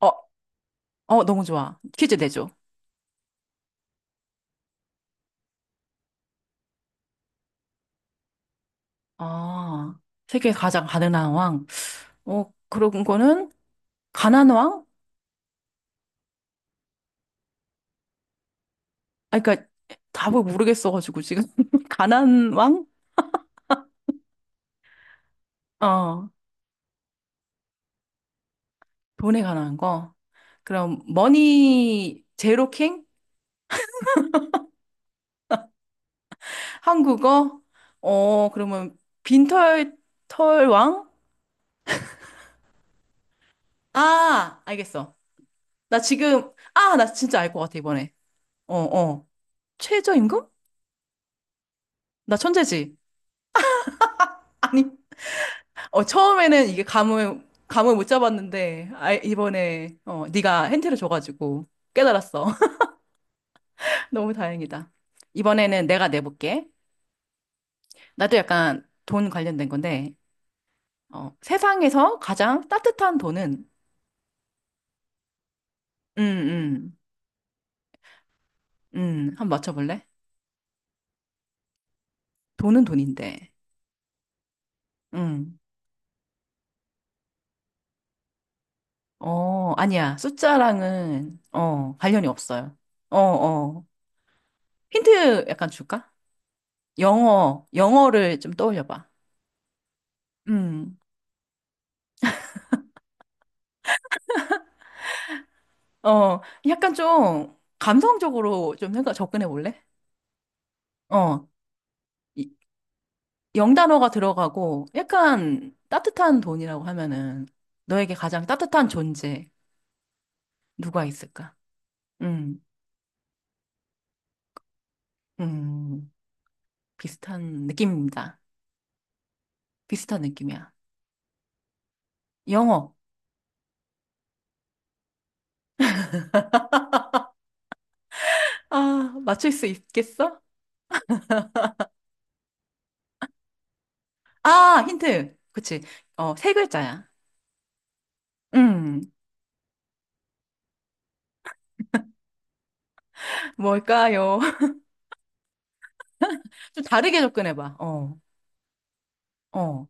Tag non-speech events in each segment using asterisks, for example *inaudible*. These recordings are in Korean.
어, 너무 좋아. 퀴즈 내줘. 아, 세계 가장 가난한 왕. 그런 거는 가난 왕? 아, 그러니까 답을 모르겠어가지고 지금 *laughs* 가난 왕? 어, 돈에 관한 거. 그럼 머니 제로 킹? 한국어? 그러면 빈털 털 왕? 아, 알겠어. 나 지금 아, 나 진짜 알 것 같아 이번에. 어, 어. 최저임금? 나 천재지? 아니. 처음에는 이게 감을 못 잡았는데, 아, 이번에, 네가 힌트를 줘가지고 깨달았어. *laughs* 너무 다행이다. 이번에는 내가 내볼게. 나도 약간 돈 관련된 건데, 세상에서 가장 따뜻한 돈은, 음, 음, 한번 맞춰볼래? 돈은 돈인데, 음, 아니야. 숫자랑은, 관련이 없어요. 어, 어. 힌트 약간 줄까? 영어를 좀 떠올려봐. 음. 어, 약간 좀 감성적으로 좀 생각 접근해 볼래? 어, 이- 영단어가 들어가고 약간 따뜻한 돈이라고 하면은 너에게 가장 따뜻한 존재 누가 있을까? 음, 음, 비슷한 느낌입니다. 비슷한 느낌이야. 영어. 아, 맞출 수 있겠어? 아, 힌트. 그치. 어, 세 글자야. 음, 뭘까요? *laughs* 좀 다르게 접근해 봐. 어,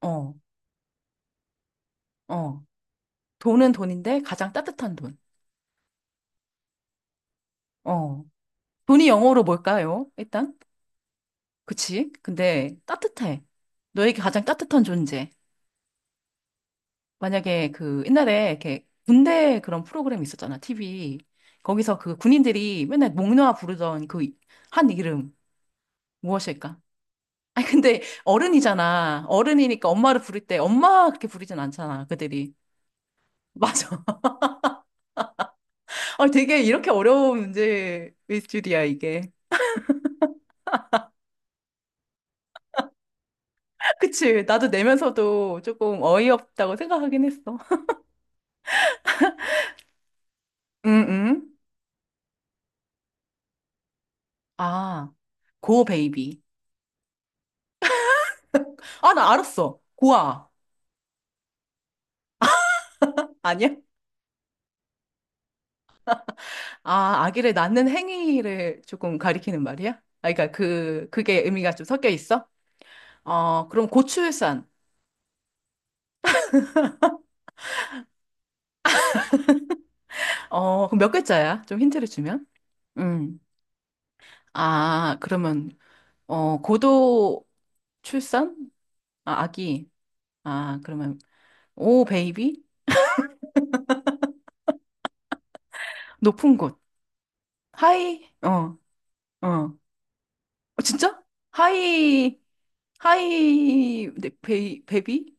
어, 어. 돈은 돈인데 가장 따뜻한 돈. 어. 돈이 영어로 뭘까요? 일단? 그치? 근데 따뜻해. 너에게 가장 따뜻한 존재. 만약에 그 옛날에 이렇게 군대 그런 프로그램 있었잖아, TV. 거기서 그 군인들이 맨날 목놓아 부르던 그 한 이름 무엇일까? 아니, 근데 어른이잖아. 어른이니까 엄마를 부를 때 엄마 그렇게 부르진 않잖아, 그들이. 맞아. *laughs* 아, 되게 이렇게 어려운 문제일 줄이야, 이게. *laughs* 그치? 나도 내면서도 조금 어이없다고 생각하긴 했어. 응, 응. 아, 고 베이비. 아, 나 알았어. 고아. 아니야? 아, 아기를 낳는 행위를 조금 가리키는 말이야? 아, 그러니까 그게 의미가 좀 섞여 있어? 어, 그럼 고출산. 어, 그럼 몇 글자야? 좀 힌트를 주면? 음. 아, 그러면, 어, 고도 출산? 아, 아기. 아, 그러면, 오, 베이비? 높은 곳. 하이, 어, 어. 어, 진짜? 하이, 하이, 네, 베이, 베비?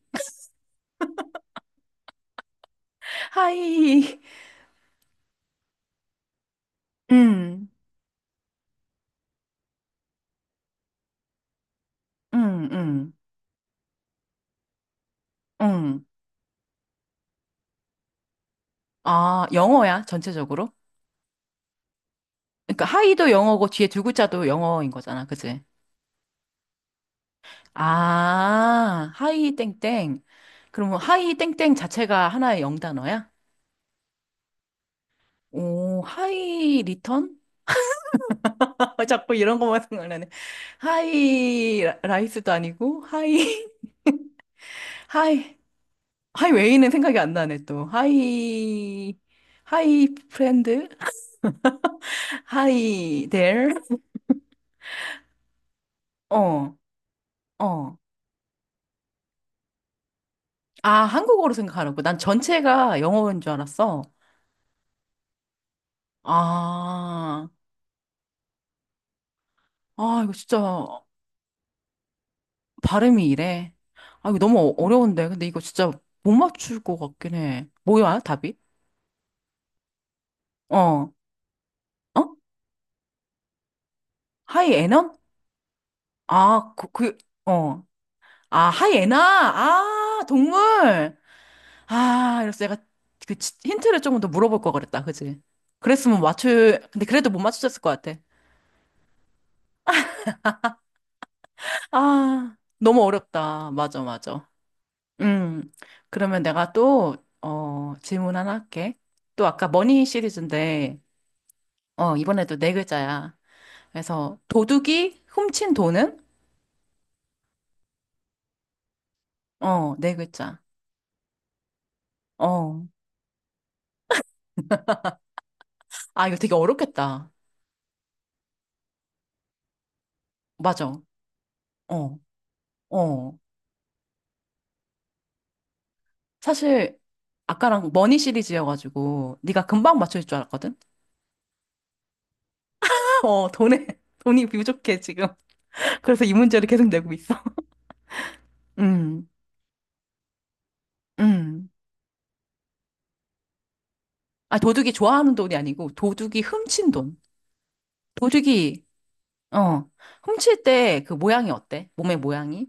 하이. 음, 음, 음, 음. 아, 영어야, 전체적으로? 그러니까 하이도 영어고 뒤에 두 글자도 영어인 거잖아, 그치? 아, 하이 땡땡. 그러면 하이 땡땡 자체가 하나의 영단어야? 오, 하이 리턴? *laughs* 아, 자꾸 이런 것만 생각나네. 하이 라이스도 아니고, 하이, *laughs* 하이, 하이 웨이는 생각이 안 나네, 또. 하이, 하이 프렌드? *laughs* 하이 데어? 어. 아, 한국어로 생각하라고. 난 전체가 영어인 줄 알았어. 아, 이거 진짜 발음이 이래. 아, 이거 너무 어려운데. 근데 이거 진짜 못 맞출 것 같긴 해. 뭐야, 답이? 어, 어? 하이 에넌? 아, 그, 어. 아, 하이 에나? 아, 동물! 아, 이래서 내가 그 힌트를 조금 더 물어볼 걸 그랬다. 그지? 그랬으면 맞출, 근데 그래도 못 맞추셨을 것 같아. 아, 너무 어렵다. 맞아, 맞아. 음, 그러면 내가 또, 질문 하나 할게. 또 아까 머니 시리즈인데, 어, 이번에도 네 글자야. 그래서 도둑이 훔친 돈은? 어, 네 글자. 어. 아, 이거 되게 어렵겠다. 맞아. 어, 어. 사실, 아까랑 머니 시리즈여가지고, 네가 금방 맞출 줄 알았거든? *laughs* 어, 돈에, 돈이 부족해, 지금. *laughs* 그래서 이 문제를 계속 내고 있어. *laughs* 음, 음. 아, 도둑이 좋아하는 돈이 아니고, 도둑이 훔친 돈. 도둑이 어. 훔칠 때 그 모양이 어때? 몸의 모양이?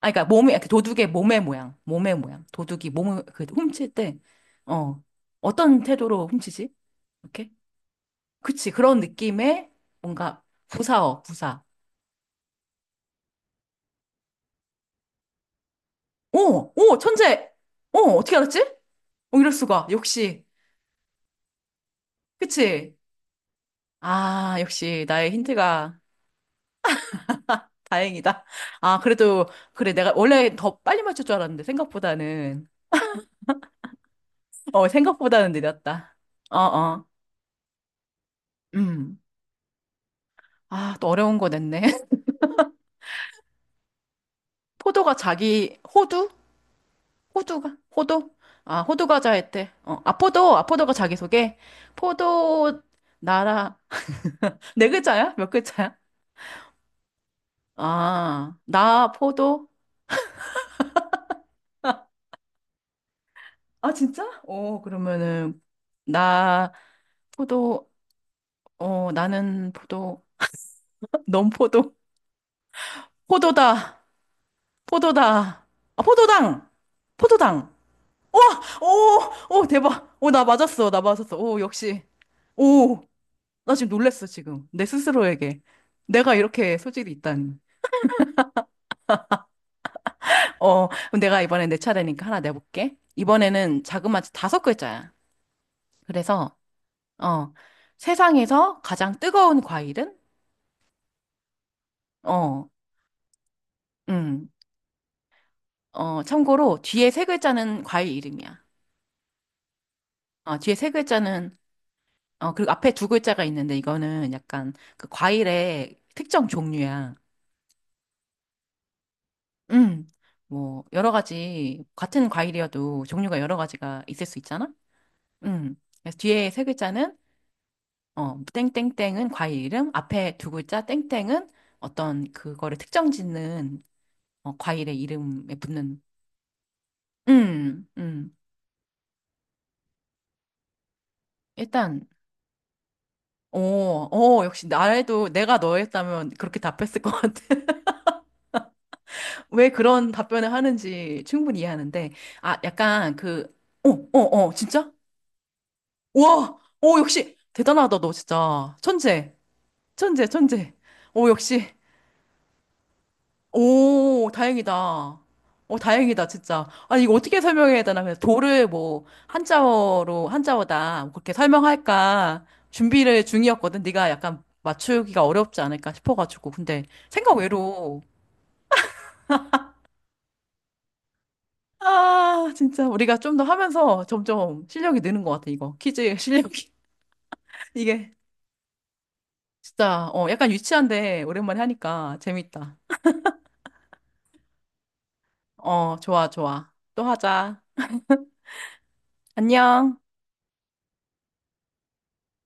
아, 그러니까 몸의, 그 도둑의 몸의 모양. 몸의 모양. 도둑이 몸을, 그 훔칠 때, 어. 어떤 태도로 훔치지? 이렇게? 그치. 그런 느낌의 뭔가 부사. 오! 오! 천재! 오! 어떻게 알았지? 오, 이럴 수가. 역시. 그치? 아, 역시 나의 힌트가 다행이다. 아, 그래도, 그래. 내가 원래 더 빨리 맞출 줄 알았는데, 생각보다는. 어, 생각보다는 느렸다. 어, 어. 음. 아, 또 어려운 거 냈네. *laughs* 포도가 자기 호두? 호두가? 호도? 아, 호두 과자 했대. 아, 포도. 아, 포도가 자기 소개. 포도 나라. 네 글자야? 몇 글자야? 아, 나 포도. 아, 진짜? 어, 그러면은 나 포도. 어, 나는 포도. *laughs* 넌 포도. 포도다. 포도다. 아, 포도당. 포도당. 와! 오! 오, 대박. 오, 나 맞았어. 나 맞았어. 오, 역시. 오. 나 지금 놀랬어, 지금. 내 스스로에게. 내가 이렇게 소질이 있다니. 어, 그럼 내가 이번에 내 차례니까 하나 내볼게. 이번에는 자그마치 다섯 글자야. 그래서, 어, 세상에서 가장 뜨거운 과일은? 어, 음, 어, 참고로 뒤에 세 글자는 과일 이름이야. 어, 뒤에 세 글자는, 어, 그리고 앞에 두 글자가 있는데 이거는 약간 그 과일의 특정 종류야. 음, 뭐, 여러 가지, 같은 과일이어도 종류가 여러 가지가 있을 수 있잖아? 음. 그래서 뒤에 세 글자는 땡땡땡은 과일 이름, 앞에 두 글자 땡땡은 어떤 그거를 특정 짓는 과일의 이름에 붙는 음. 일단 오, 오, 역시 나라도 내가 너였다면 그렇게 답했을 것 같아. *laughs* 왜 그런 답변을 하는지 충분히 이해하는데 아, 약간 그 어, 어, 진짜? 와! 오, 역시 대단하다 너 진짜. 천재. 천재, 천재. 오, 역시 오, 다행이다. 어, 다행이다, 진짜. 아니, 이거 어떻게 설명해야 되나? 그래서 도를 뭐, 한자어로, 한자어다. 뭐 그렇게 설명할까? 준비를 중이었거든. 네가 약간 맞추기가 어렵지 않을까 싶어가지고. 근데 생각 외로. 아, 진짜. 우리가 좀 더 하면서 점점 실력이 느는 것 같아, 이거. 퀴즈 실력이. *laughs* 이게 진짜, 약간 유치한데 오랜만에 하니까 재밌다. 어, 좋아, 좋아. 또 하자. 안녕.